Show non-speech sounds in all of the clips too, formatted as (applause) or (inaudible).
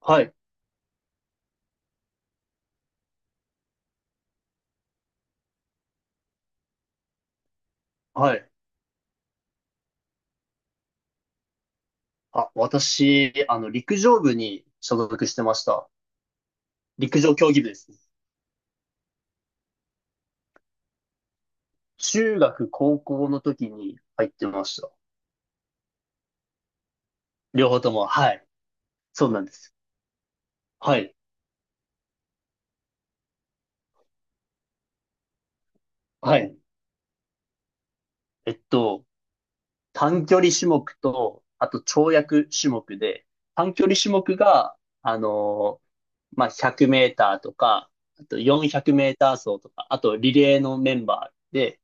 はい、はい。あ、私、陸上部に所属してました。陸上競技部ですね。中学、高校の時に入ってました。両方とも、はい。そうなんです。はい、はい。えっと、短距離種目と、あと跳躍種目で、短距離種目が、あのーまあ、100メーターとか、あと400メーター走とか、あとリレーのメンバーで、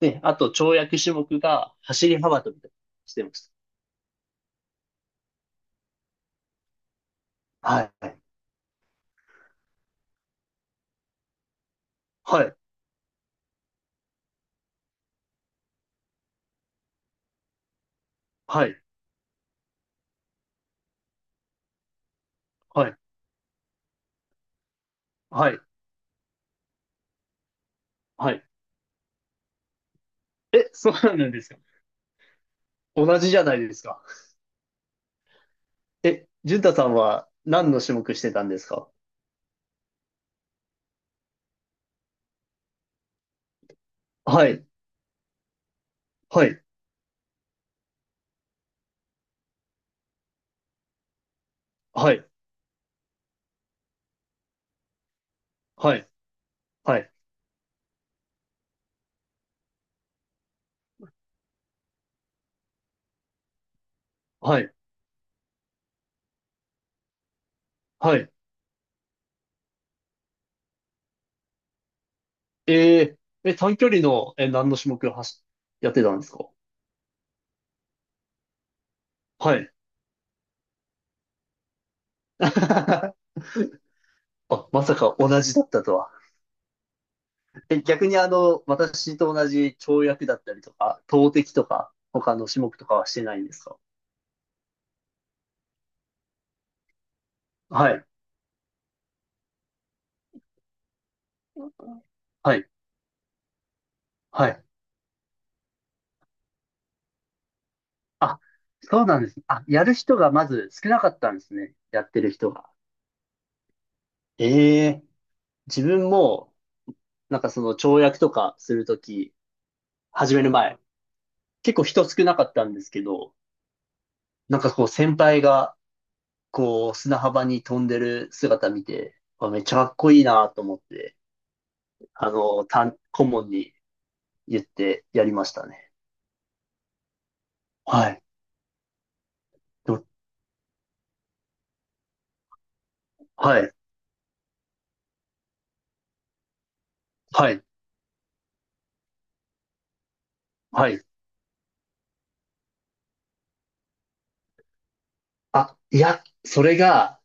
で、あと跳躍種目が走り幅跳びとかしてました。はい。はい、はい、はい、はい、はい。え、そうなんですか。同じじゃないですか。え、淳太さんは何の種目してたんですか？はい、はい、はい、はい、はい、はい、はい。え短距離の、何の種目やってたんですか？はい。(laughs) あ、まさか同じだったとは。え、逆に私と同じ跳躍だったりとか、投擲とか、他の種目とかはしてないんですか？はい、はい、はい。あ、そうなんです。あ、やる人がまず少なかったんですね。やってる人が。ええ、自分も、なんかその跳躍とかするとき、始める前、結構人少なかったんですけど、なんかこう先輩が、こう砂浜に飛んでる姿見て、あ、めっちゃかっこいいなと思って、顧問に言ってやりましたね。はい。どはい。はい。はい。あ、いや、それが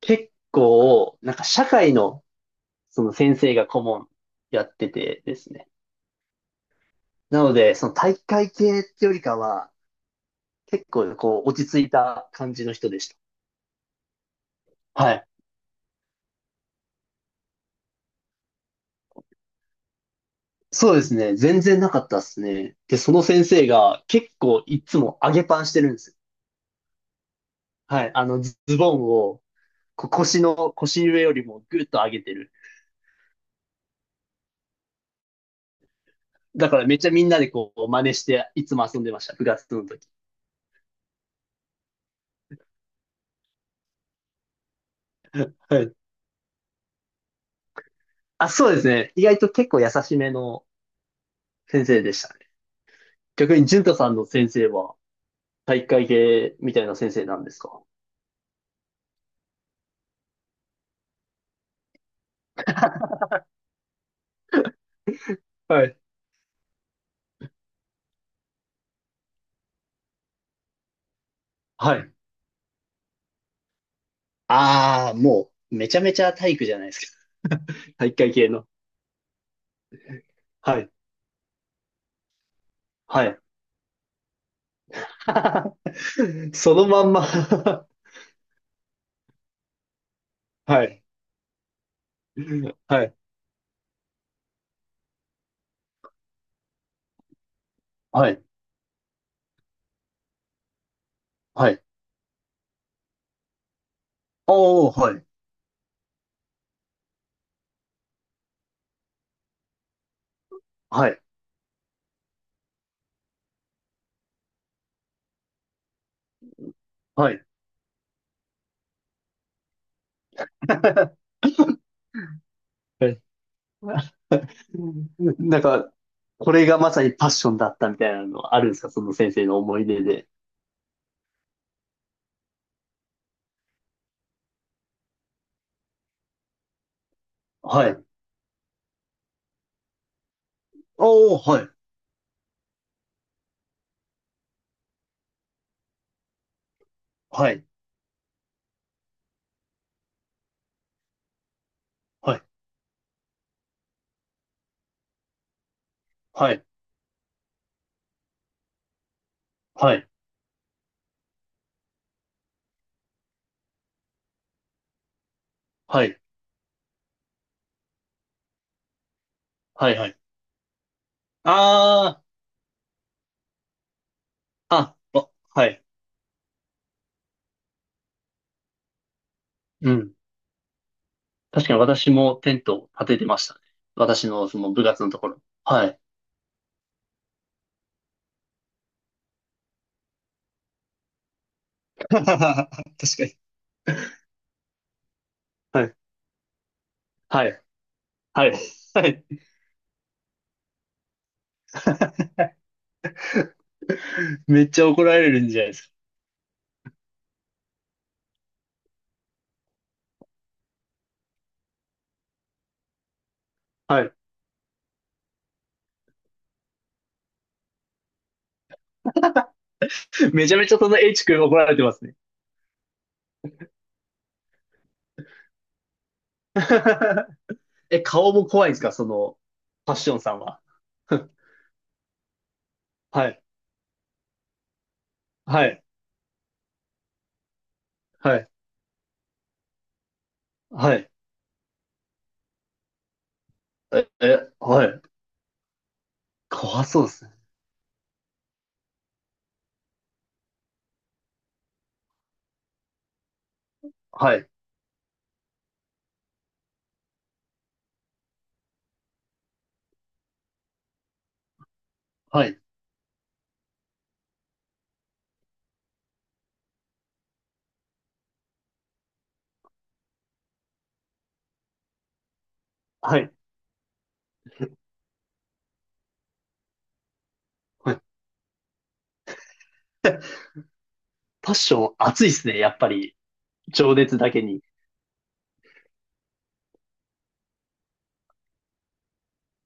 結構、なんか社会のその先生が顧問やっててですね。なので、その体育会系ってよりかは、結構こう落ち着いた感じの人でした。はい。そうですね。全然なかったですね。で、その先生が結構いつも上げパンしてるんですよ。はい。ズボンをこう腰の、腰上よりもぐっと上げてる。だからめっちゃみんなでこう真似していつも遊んでました。部活の時。はい。あ、そうですね。意外と結構優しめの先生でしたね。逆に、淳太さんの先生は体育会系みたいな先生なんですか？はい。はい。ああ、もう、めちゃめちゃ体育じゃないですか。体育会系の。はい。はい。(laughs) そのまんま (laughs) はい。はい。はい。はい。おー、はい。はい。はい。(laughs) はい。なんか、これがまさにパッションだったみたいなのあるんですかその先生の思い出で。はい。おー、はい。はい。はい。はい。はい。はい。はい。はい。ああ。あ、あはい。うん。確かに私もテントを立ててましたね。私のその部活のところ。はい。(laughs) 確かに。はい。はい。はい。はい。めっちゃ怒られるんじゃないですか。はい。めちゃめちゃその H 君怒られてますね。(laughs) え、顔も怖いんですかその、パッションさんは？(laughs) はい。はい。はい。はい。え、え、はい。怖そうですね。はい。はい。はい。はい。パッション熱いですね。やっぱり。情熱だけに。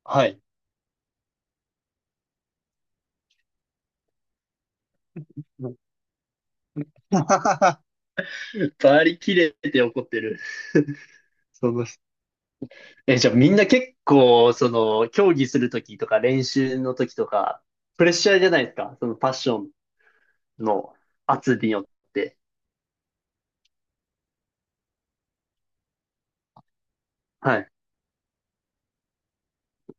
はい。バリ切れて怒ってる。そのえ、じゃあみんな結構、その、競技するときとか練習のときとか、プレッシャーじゃないですか。そのパッションの圧によって。はい。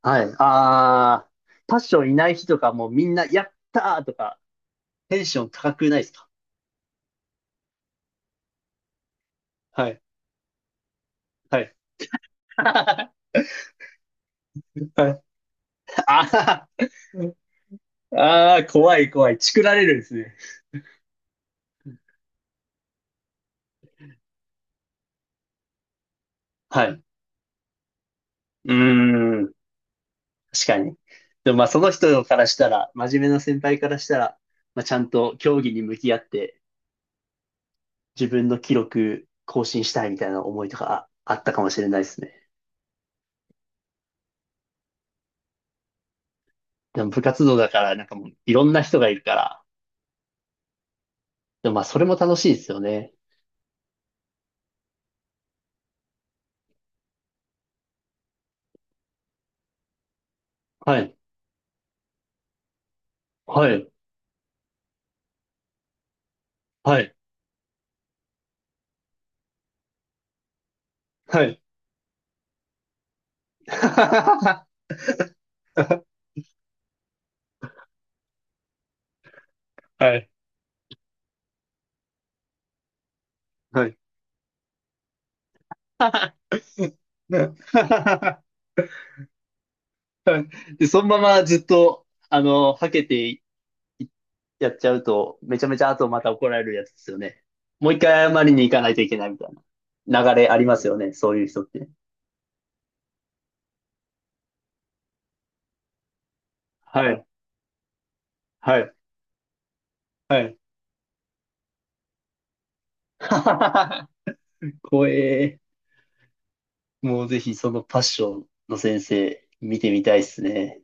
はい。あー、パッションいない日とかもうみんな、やったーとか、テンション高くないですか？はい。はい。(laughs) あはい。あーあー、怖い怖い。チクられるんですね。はい。うーん。確かに。でもまあその人からしたら、真面目な先輩からしたら、まあちゃんと競技に向き合って自分の記録更新したいみたいな思いとかあったかもしれないですね。でも部活動だからなんかもういろんな人がいるから、でもまあそれも楽しいですよね。はい、はい、はい、はい。(laughs) はい、(laughs) はい。(laughs) で、そのままずっと、はけていっやっちゃうと、めちゃめちゃ後また怒られるやつですよね。もう一回謝りに行かないといけないみたいな流れありますよね、そういう人って。はい、はい、はい。(laughs) 怖え。もうぜひそのパッションの先生見てみたいですね。